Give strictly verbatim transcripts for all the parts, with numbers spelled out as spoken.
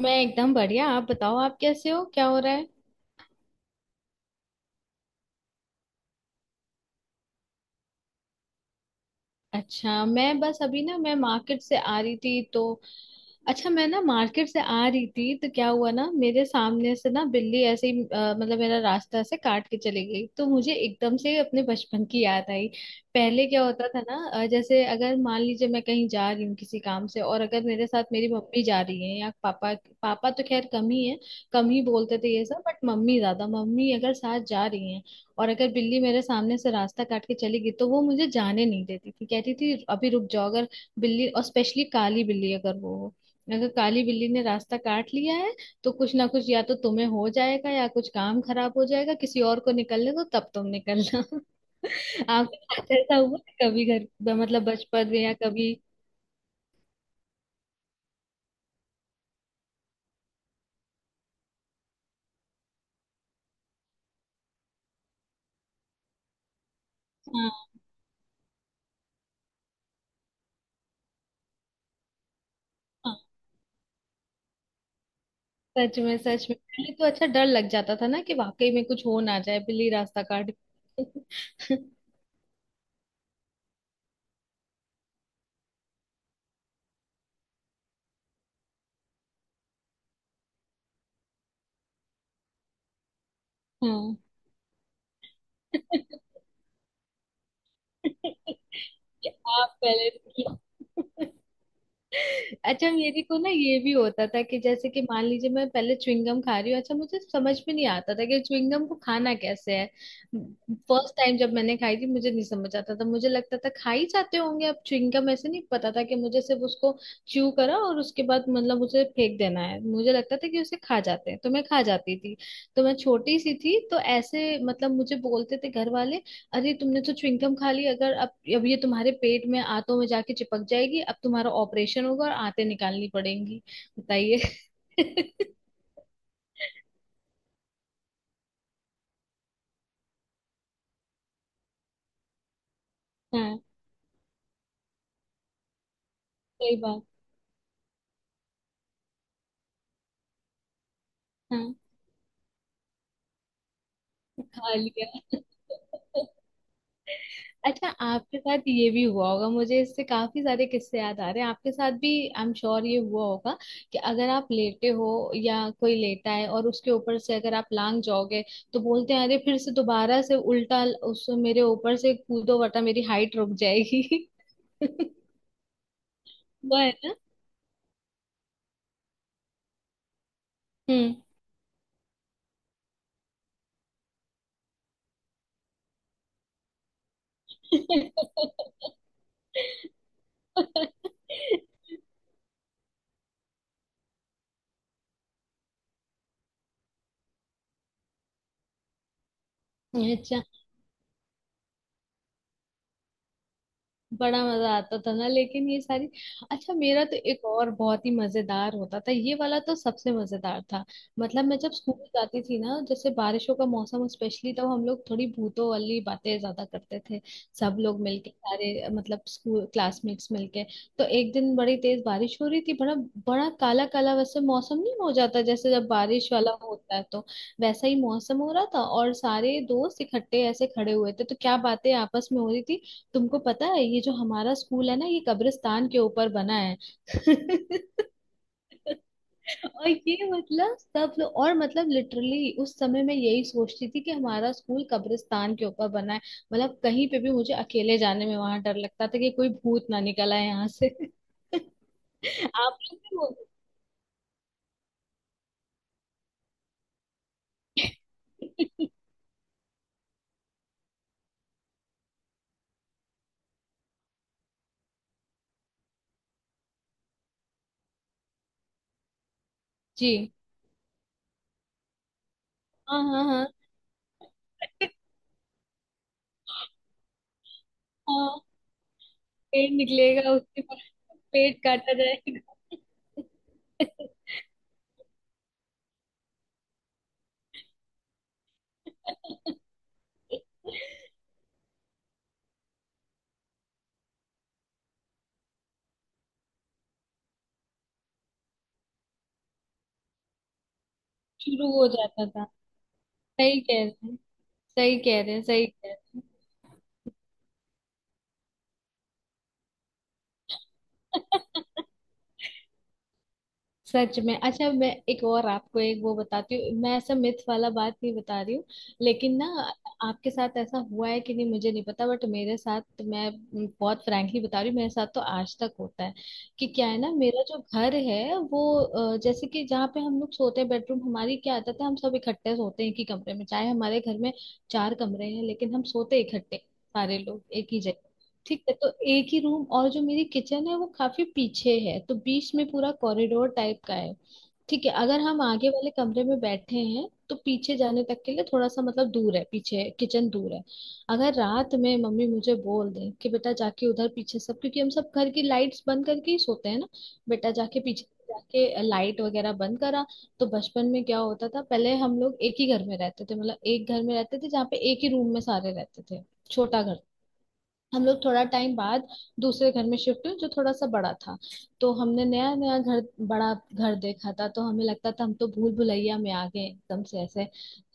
मैं एकदम बढ़िया। आप बताओ, आप कैसे हो? क्या हो रहा है? अच्छा, मैं बस अभी ना मैं मार्केट से आ रही थी तो अच्छा, मैं ना मार्केट से आ रही थी तो क्या हुआ ना, मेरे सामने से ना बिल्ली ऐसे ही अ, मतलब मेरा रास्ता ऐसे काट के चली गई, तो मुझे एकदम से अपने बचपन की याद आई। पहले क्या होता था ना, अ, जैसे अगर मान लीजिए मैं कहीं जा रही हूँ किसी काम से, और अगर मेरे साथ मेरी मम्मी जा रही है या पापा। पापा तो खैर कम ही है, कम ही बोलते थे ये सब, बट मम्मी ज्यादा। मम्मी अगर साथ जा रही है और अगर बिल्ली मेरे सामने से रास्ता काट के चली गई, तो वो मुझे जाने नहीं देती थी। कहती थी अभी रुक जाओ। अगर बिल्ली, और स्पेशली काली बिल्ली अगर वो हो, अगर काली बिल्ली ने रास्ता काट लिया है, तो कुछ ना कुछ या तो तुम्हें हो जाएगा या कुछ काम खराब हो जाएगा। किसी और को निकलने दो, तब तुम निकलना। आपके साथ ऐसा हुआ है कभी, घर मतलब बचपन में या कभी? हाँ। हाँ। सच में, सच में पहले तो अच्छा डर लग जाता था ना, कि वाकई में कुछ हो ना जाए, बिल्ली रास्ता काट गई। हाँ। कि आप पहले। अच्छा, मेरे को ना ये भी होता था कि, जैसे कि मान लीजिए मैं पहले च्युइंगम खा रही हूँ। अच्छा, मुझे समझ में नहीं आता था कि च्युइंगम को खाना कैसे है। फर्स्ट टाइम जब मैंने खाई थी, मुझे नहीं समझ आता था, मुझे लगता था खा ही जाते होंगे। अब च्युइंगम ऐसे, नहीं पता था कि मुझे सिर्फ उसको च्यू करा और उसके बाद मतलब उसे फेंक देना है। मुझे लगता था कि उसे खा जाते हैं, तो मैं खा जाती थी। तो मैं छोटी सी थी तो ऐसे, मतलब मुझे बोलते थे घर वाले, अरे तुमने तो च्युइंगम खा ली, अगर अब अब ये तुम्हारे पेट में आंतों में जाके चिपक जाएगी, अब तुम्हारा ऑपरेशन होगा और आंतें निकालनी पड़ेंगी। बताइए। हाँ। सही बात। हाँ। खा लिया। अच्छा, आपके साथ ये भी हुआ होगा, मुझे इससे काफी सारे किस्से याद आ रहे हैं आपके साथ भी। आई एम श्योर ये हुआ होगा कि अगर आप लेटे हो या कोई लेटा है, और उसके ऊपर से अगर आप लांग जाओगे, तो बोलते हैं अरे फिर से दोबारा से उल्टा उस, मेरे ऊपर से कूदो वरना मेरी हाइट रुक जाएगी। वो। है ना? हम्म। अच्छा, बड़ा मजा आता था ना, लेकिन ये सारी। अच्छा, मेरा तो एक और बहुत ही मजेदार होता था, ये वाला तो सबसे मजेदार था। मतलब मैं जब स्कूल जाती थी ना, जैसे बारिशों का मौसम स्पेशली, तब हम लोग थोड़ी भूतों वाली बातें ज्यादा करते थे। सब लोग मिलके सारे, मतलब स्कूल क्लासमेट्स मिलके, तो एक दिन बड़ी तेज बारिश हो रही थी। बड़ा, बड़ा काला काला वैसे मौसम नहीं हो जाता, जैसे जब बारिश वाला होता है तो? वैसा ही मौसम हो रहा था, और सारे दोस्त इकट्ठे ऐसे खड़े हुए थे। तो क्या बातें आपस में हो रही थी, तुमको पता है ये जो हमारा स्कूल है ना, ये कब्रिस्तान के ऊपर बना है। और ये मतलब सब लोग, और मतलब लिटरली उस समय मैं यही सोचती थी कि हमारा स्कूल कब्रिस्तान के ऊपर बना है। मतलब कहीं पे भी मुझे अकेले जाने में वहां डर लगता था कि कोई भूत ना निकल आए यहाँ से। आप लोग भी वो। जी। हाँ, हाँ, हाँ। हाँ, पेड़ निकलेगा उसके बाद पेट काटा जाएगा। शुरू हो जाता था। सही कह रहे हैं, सही कह रहे हैं, सही कह रहे हैं। सच में। अच्छा, मैं एक और आपको एक वो बताती हूँ, मैं ऐसा मिथ वाला बात नहीं बता रही हूँ, लेकिन ना आपके साथ ऐसा हुआ है कि नहीं, मुझे नहीं पता, बट मेरे साथ, मैं बहुत फ्रैंकली बता रही हूँ, मेरे साथ तो आज तक होता है कि क्या है ना, मेरा जो घर है वो अ, जैसे कि जहाँ पे हम लोग सोते हैं बेडरूम, हमारी क्या आदत है, हम सब इकट्ठे सोते हैं एक ही कमरे में। चाहे हमारे घर में चार कमरे हैं, लेकिन हम सोते इकट्ठे, सारे लोग एक ही जगह। ठीक है, तो एक ही रूम, और जो मेरी किचन है वो काफी पीछे है, तो बीच में पूरा कॉरिडोर टाइप का है। ठीक है, अगर हम आगे वाले कमरे में बैठे हैं, तो पीछे जाने तक के लिए थोड़ा सा मतलब दूर है, पीछे किचन दूर है। अगर रात में मम्मी मुझे बोल दें कि बेटा जाके उधर पीछे सब, क्योंकि हम सब घर की लाइट्स बंद करके ही सोते हैं ना, बेटा जाके पीछे जाके लाइट वगैरह बंद करा। तो बचपन में क्या होता था, पहले हम लोग एक ही घर में रहते थे, मतलब एक घर में रहते थे जहाँ पे एक ही रूम में सारे रहते थे। छोटा घर। हम लोग थोड़ा टाइम बाद दूसरे घर में शिफ्ट हुए, जो थोड़ा सा बड़ा था। तो हमने नया नया घर, बड़ा घर देखा था, तो हमें लगता था हम तो भूल भुलैया में आ गए एकदम से ऐसे।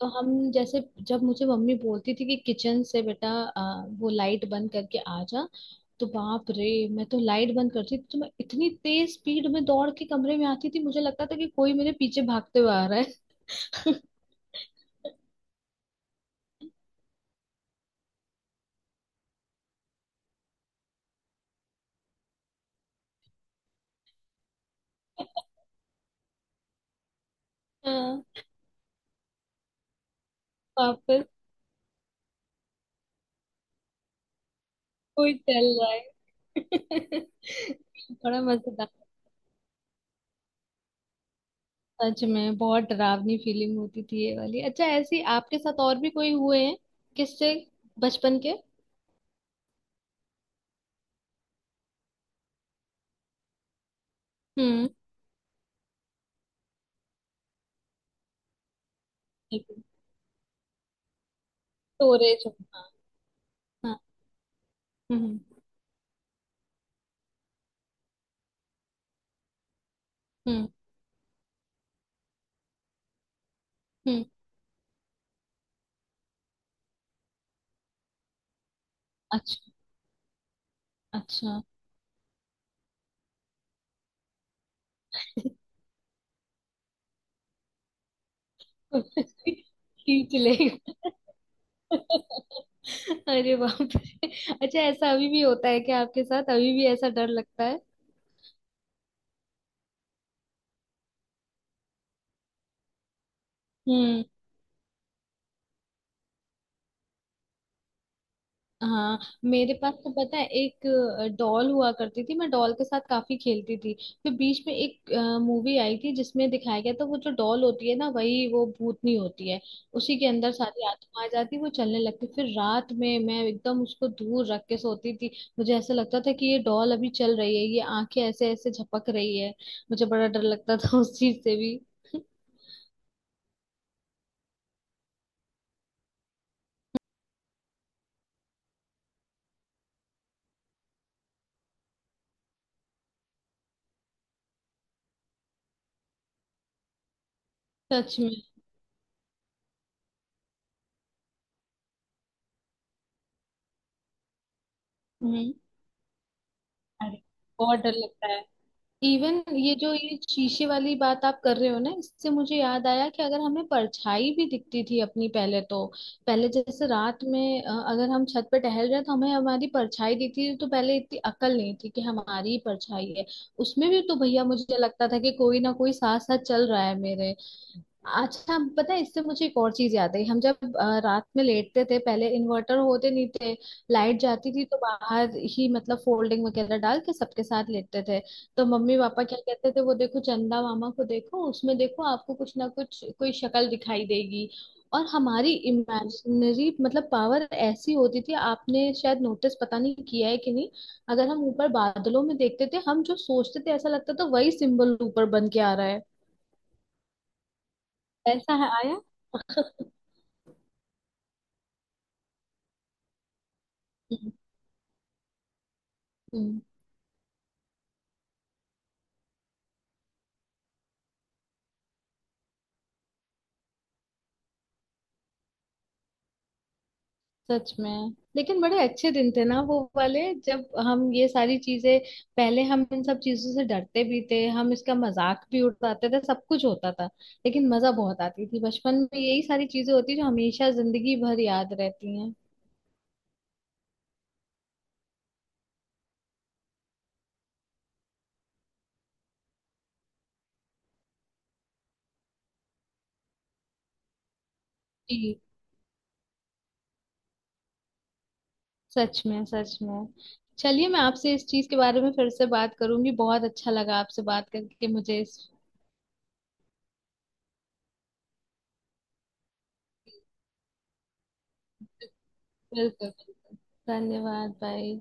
तो हम जैसे, जब मुझे मम्मी बोलती थी कि किचन से बेटा आ, वो लाइट बंद करके आ जा, तो बाप रे! मैं तो लाइट बंद करती थी तो मैं इतनी तेज स्पीड में दौड़ के कमरे में आती थी, मुझे लगता था कि कोई मेरे पीछे भागते हुए आ रहा है। हाँ। वापस कोई चल रहा है। बड़ा मजेदार। सच में बहुत डरावनी फीलिंग होती थी ये वाली। अच्छा, ऐसी आपके साथ और भी कोई हुए हैं किससे, बचपन के? हम्म। स्टोरेज। हाँ। हाँ। हम्म। हम्म। हम्म। अच्छा। अच्छा। खींच लेगा। अरे बाप रे! अच्छा, ऐसा अभी भी होता है क्या आपके साथ, अभी भी ऐसा डर लगता है? हम्म। हाँ। मेरे पास तो पता है एक डॉल हुआ करती थी, मैं डॉल के साथ काफी खेलती थी। फिर बीच में एक मूवी आई थी जिसमें दिखाया गया था वो जो डॉल होती है ना, वही वो भूतनी होती है, उसी के अंदर सारी आत्मा आ जाती, वो चलने लगती। फिर रात में मैं एकदम उसको दूर रख के सोती थी, मुझे ऐसा लगता था कि ये डॉल अभी चल रही है, ये आंखें ऐसे ऐसे झपक रही है। मुझे बड़ा डर लगता था उस चीज से भी। सच में। हम्म। अरे, बहुत डर लगता है। इवन ये जो ये शीशे वाली बात आप कर रहे हो ना, इससे मुझे याद आया कि अगर हमें परछाई भी दिखती थी अपनी पहले तो, पहले जैसे रात में अ, अगर हम छत पे टहल रहे हैं तो हमें हमारी परछाई दिखती थी, तो पहले इतनी अकल नहीं थी कि हमारी ही परछाई है। उसमें भी तो भैया मुझे लगता था कि कोई ना कोई साथ साथ चल रहा है मेरे। अच्छा, पता है इससे मुझे एक और चीज याद आई, हम जब अ, रात में लेटते थे, पहले इन्वर्टर होते नहीं थे, लाइट जाती थी तो बाहर ही मतलब फोल्डिंग वगैरह डाल के सबके साथ लेटते थे। तो मम्मी पापा क्या कहते थे, वो देखो चंदा मामा को देखो, उसमें देखो आपको कुछ ना कुछ कोई शक्ल दिखाई देगी। और हमारी इमेजिनरी मतलब पावर ऐसी होती थी, आपने शायद नोटिस पता नहीं किया है कि नहीं, अगर हम ऊपर बादलों में देखते थे, हम जो सोचते थे ऐसा लगता था वही सिंबल ऊपर बन के आ रहा है। ऐसा है आया। हम्म। सच में, लेकिन बड़े अच्छे दिन थे ना वो वाले, जब हम ये सारी चीजें, पहले हम इन सब चीजों से डरते भी थे, हम इसका मजाक भी उड़ाते थे, सब कुछ होता था, लेकिन मजा बहुत आती थी। बचपन में यही सारी चीजें होती जो हमेशा जिंदगी भर याद रहती हैं। जी। सच में, सच में। चलिए, मैं आपसे इस चीज के बारे में फिर से बात करूंगी, बहुत अच्छा लगा आपसे बात करके मुझे इस। बिल्कुल बिल्कुल। धन्यवाद, बाय।